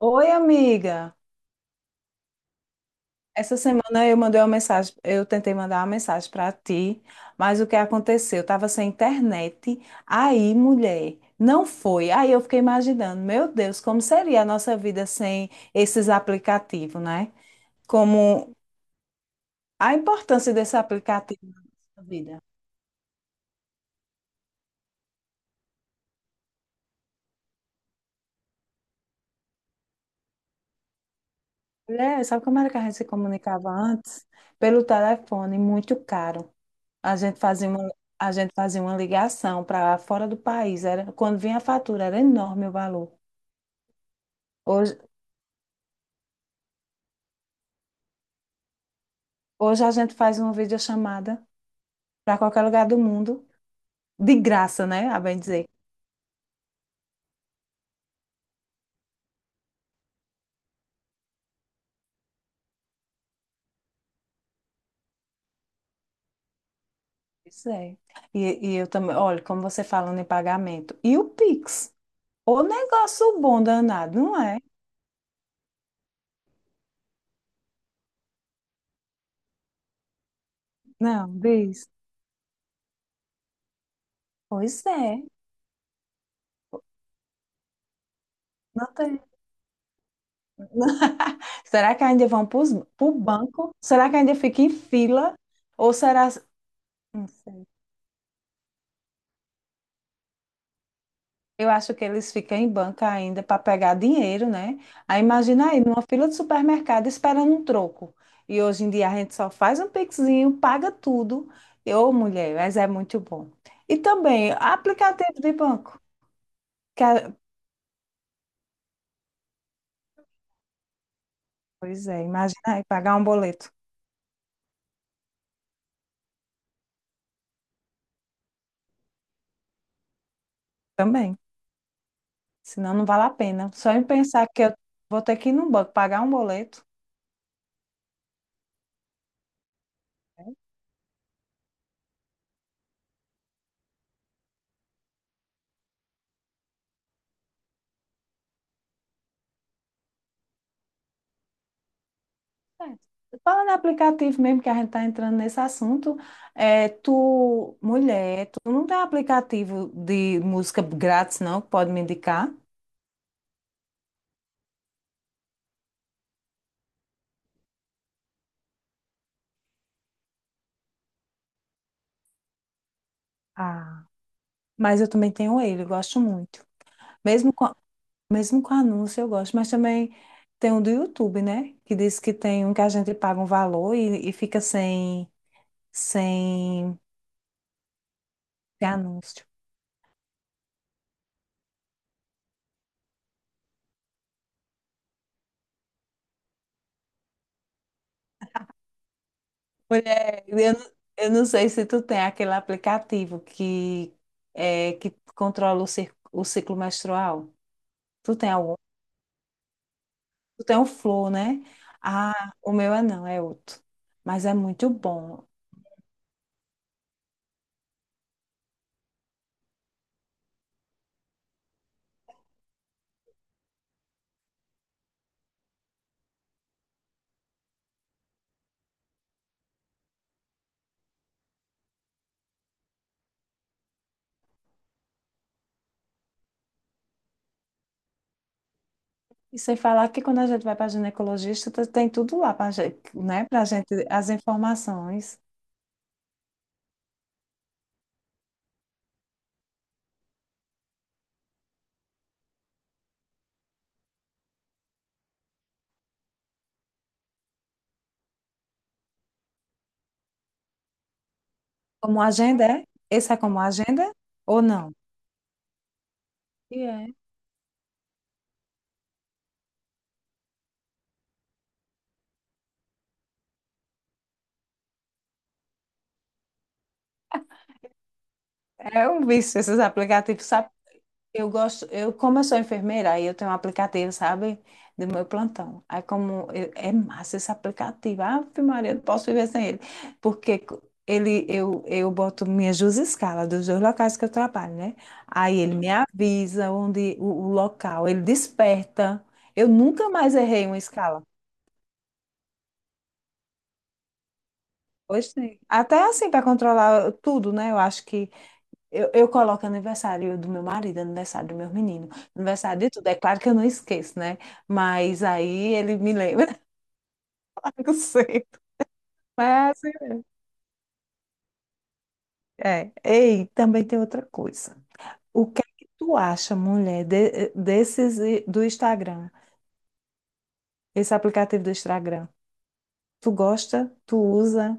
Oi, amiga. Essa semana eu mandei uma mensagem, eu tentei mandar uma mensagem para ti, mas o que aconteceu? Eu estava sem internet. Aí, mulher, não foi. Aí eu fiquei imaginando, meu Deus, como seria a nossa vida sem esses aplicativos, né? Como a importância desse aplicativo na nossa vida. Mulher, sabe como era que a gente se comunicava antes? Pelo telefone, muito caro. A gente fazia uma, a gente fazia uma ligação para fora do país. Era, quando vinha a fatura, era enorme o valor. Hoje, hoje a gente faz uma videochamada para qualquer lugar do mundo, de graça, né? A bem dizer. Isso é. E eu também, olha, como você falando em pagamento. E o Pix? O negócio bom danado, não é? Não, diz. Pois é. Não tem. Será que ainda vão para o banco? Será que ainda fica em fila? Ou será. Não sei. Eu acho que eles ficam em banca ainda para pegar dinheiro, né? Aí imagina aí, numa fila de supermercado esperando um troco. E hoje em dia a gente só faz um pixinho, paga tudo. Ô, mulher, mas é muito bom. E também aplicativo de banco. que a- Pois é, imagina aí pagar um boleto também. Senão não vale a pena. Só em pensar que eu vou ter que ir num banco pagar um boleto. É. É. Falando em aplicativo mesmo, que a gente está entrando nesse assunto, tu, mulher, tu não tem aplicativo de música grátis, não, que pode me indicar? Ah, mas eu também tenho ele, eu gosto muito. Mesmo com, Mesmo com anúncio eu gosto, mas também tem um do YouTube, né? Que diz que tem um que a gente paga um valor e fica sem anúncio. Mulher, eu não sei se tu tem aquele aplicativo que, que controla o, o ciclo menstrual. Tu tem algum? Tu tem o Flow, né? Ah, o meu é não, é outro. Mas é muito bom. E sem falar que quando a gente vai para ginecologista, tu tem tudo lá para, né, para gente, as informações. Como agenda, é? Esse é como agenda ou não? E é. É um vício esses aplicativos, sabe? Como eu sou enfermeira, aí eu tenho um aplicativo, sabe? Do meu plantão. É massa esse aplicativo. Ah, Maria, eu não posso viver sem ele. Porque co- ele, eu boto minhas duas escalas dos dois locais que eu trabalho, né? Aí ele me avisa onde o local, ele desperta. Eu nunca mais errei uma escala. Hoje tem. Até assim, para controlar tudo, né? Eu acho que eu coloco aniversário do meu marido, aniversário do meu menino, aniversário de tudo. É claro que eu não esqueço, né? Mas aí ele me lembra. Eu sei. Mas, é. Ei, também tem outra coisa. O que é que tu acha, mulher, do Instagram? Esse aplicativo do Instagram? Tu gosta? Tu usa?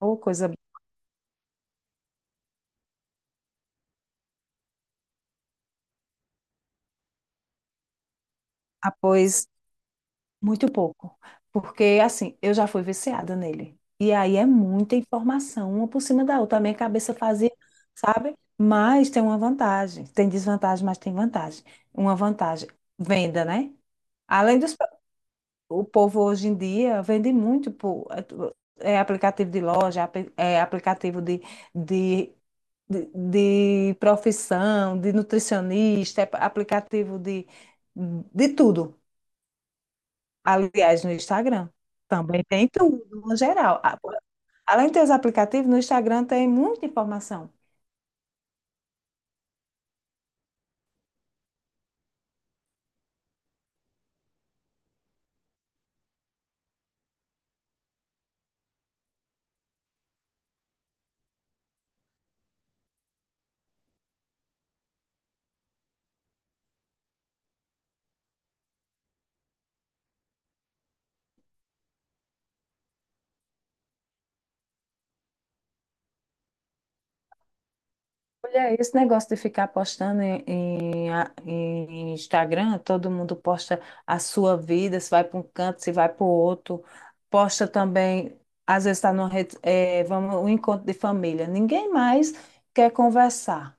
Ou coisa boa? Ah, pois Muito pouco, porque assim, eu já fui viciada nele. E aí é muita informação, uma por cima da outra. A minha cabeça fazia, sabe? Mas tem uma vantagem. Tem desvantagem, mas tem vantagem. Uma vantagem, venda, né? Além dos, o povo hoje em dia vende muito por aplicativo de loja, aplicativo de, de profissão, de nutricionista, é aplicativo de tudo. Aliás, no Instagram também tem tudo, no geral. Além de ter os aplicativos, no Instagram tem muita informação. Olha, esse negócio de ficar postando em Instagram, todo mundo posta a sua vida, se vai para um canto, se vai para o outro. Posta também, às vezes está numa rede, vamos, um encontro de família. Ninguém mais quer conversar.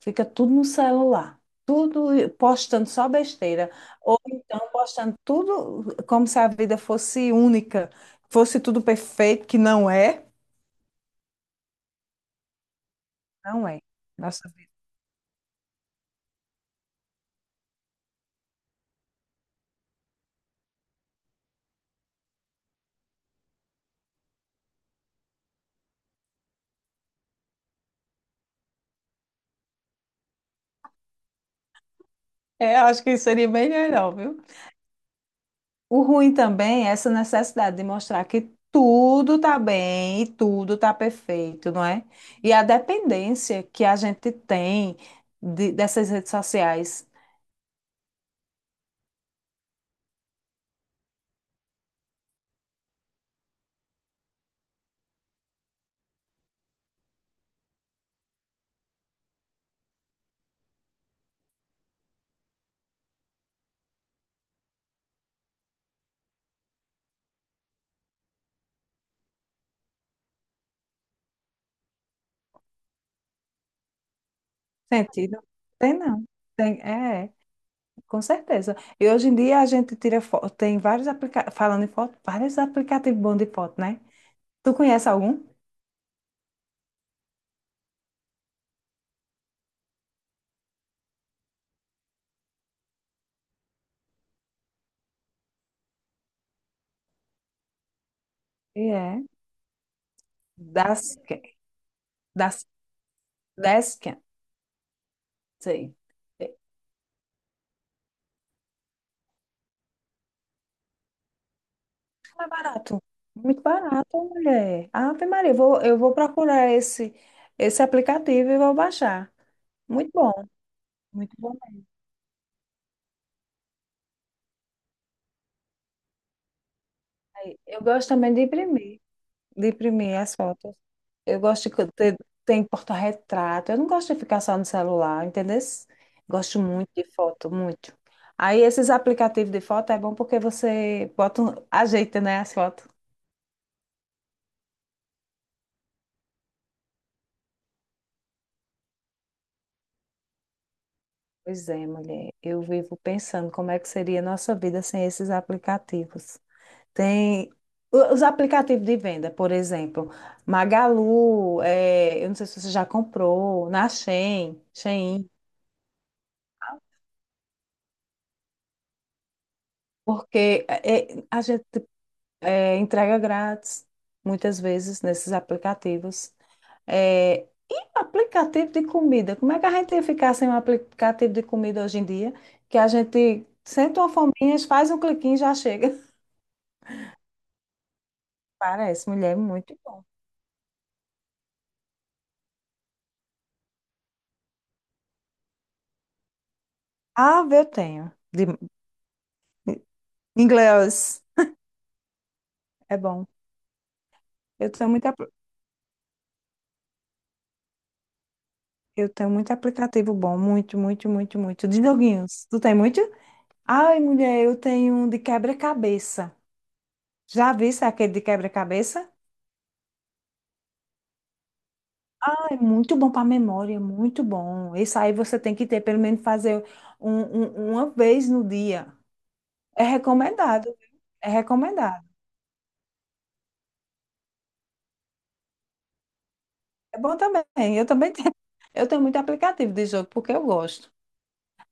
Fica tudo no celular. Tudo postando só besteira. Ou então postando tudo como se a vida fosse única, fosse tudo perfeito, que não é. Não é. Nossa vida. É, acho que seria bem melhor, viu? O ruim também é essa necessidade de mostrar que tudo tá bem e tudo tá perfeito, não é? E a dependência que a gente tem dessas redes sociais. Sentido? Tem não. Tem, é. Com certeza. E hoje em dia a gente tira foto, tem vários aplicativos, falando em foto, vários aplicativos bons de foto, né? Tu conhece algum? E é. Dasken. Das, Dasken, sei. É é barato. Muito barato, mulher. Ave Maria, eu vou procurar esse aplicativo e vou baixar. Muito bom, muito bom. Eu gosto também de imprimir. De imprimir as fotos. Eu gosto de co- ter, tem porta-retrato. Eu não gosto de ficar só no celular, entendeu? Gosto muito de foto, muito. Aí esses aplicativos de foto é bom porque você ajeita, né, as fotos. Pois é, mulher. Eu vivo pensando como é que seria a nossa vida sem esses aplicativos. Tem os aplicativos de venda, por exemplo, Magalu, eh, eu não sei se você já comprou, na Shein. Porque a gente entrega grátis, muitas vezes, nesses aplicativos. É, e aplicativo de comida? Como é que a gente ia ficar sem um aplicativo de comida hoje em dia? Que a gente sente uma fominha, faz um cliquinho e já chega. Parece, mulher, é muito bom. Ah, eu tenho. De inglês é bom. Eu tenho muito, apl- eu tenho muito aplicativo bom, muito. De joguinhos. Tu tem muito? Ai, mulher, eu tenho um de quebra-cabeça. Já viste aquele de quebra-cabeça? É muito bom para a memória, muito bom. Isso aí você tem que ter, pelo menos fazer uma vez no dia. É recomendado, viu? É recomendado. É bom também. Eu também tenho, eu tenho muito aplicativo de jogo porque eu gosto.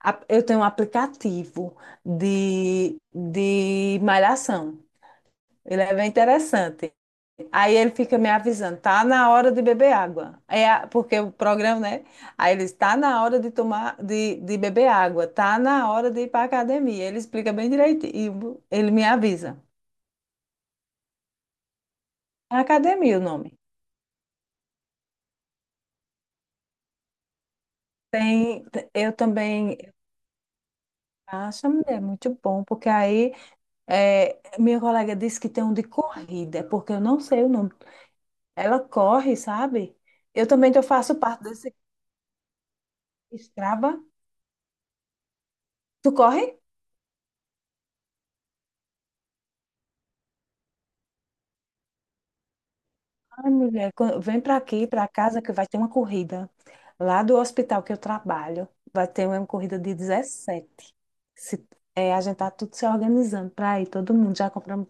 Eu tenho um aplicativo de malhação. Ele é bem interessante. Aí ele fica me avisando, tá na hora de beber água. Porque o programa, né? Aí ele está na hora de tomar, de beber água, tá na hora de ir para academia. Ele explica bem direitinho, ele me avisa. É academia o nome. Eu também acho, mulher, é muito bom, porque aí minha colega disse que tem um de corrida, porque eu não sei o nome. Ela corre, sabe? Eu também eu faço parte desse Strava. Tu corre? Ai, mulher, vem para aqui, para casa, que vai ter uma corrida. Lá do hospital que eu trabalho, vai ter uma corrida de 17. Se, é, a gente tá tudo se organizando para ir, todo mundo. Já compramos,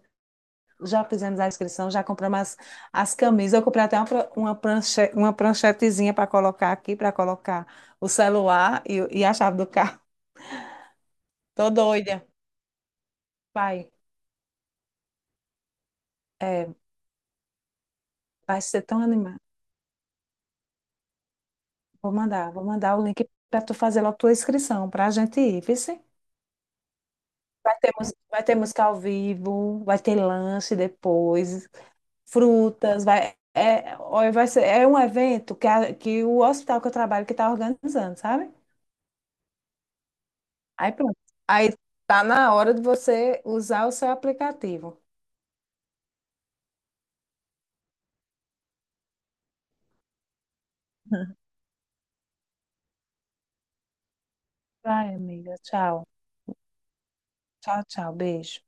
já fizemos a inscrição, já compramos as camisas. Eu comprei até uma pranchetezinha para colocar aqui, para colocar o celular e a chave do carro. Tô doida. Pai, é, Vai ser tão animado. Vou mandar o link para tu fazer logo tua inscrição, para a gente ir, viu? Vai ter, vai ter música ao vivo, vai ter lanche depois, frutas, vai, é, olha, vai ser, é um evento que o hospital que eu trabalho que está organizando, sabe? Aí pronto. Aí tá na hora de você usar o seu aplicativo. Vai, amiga. Tchau. Tchau, tchau. Beijo.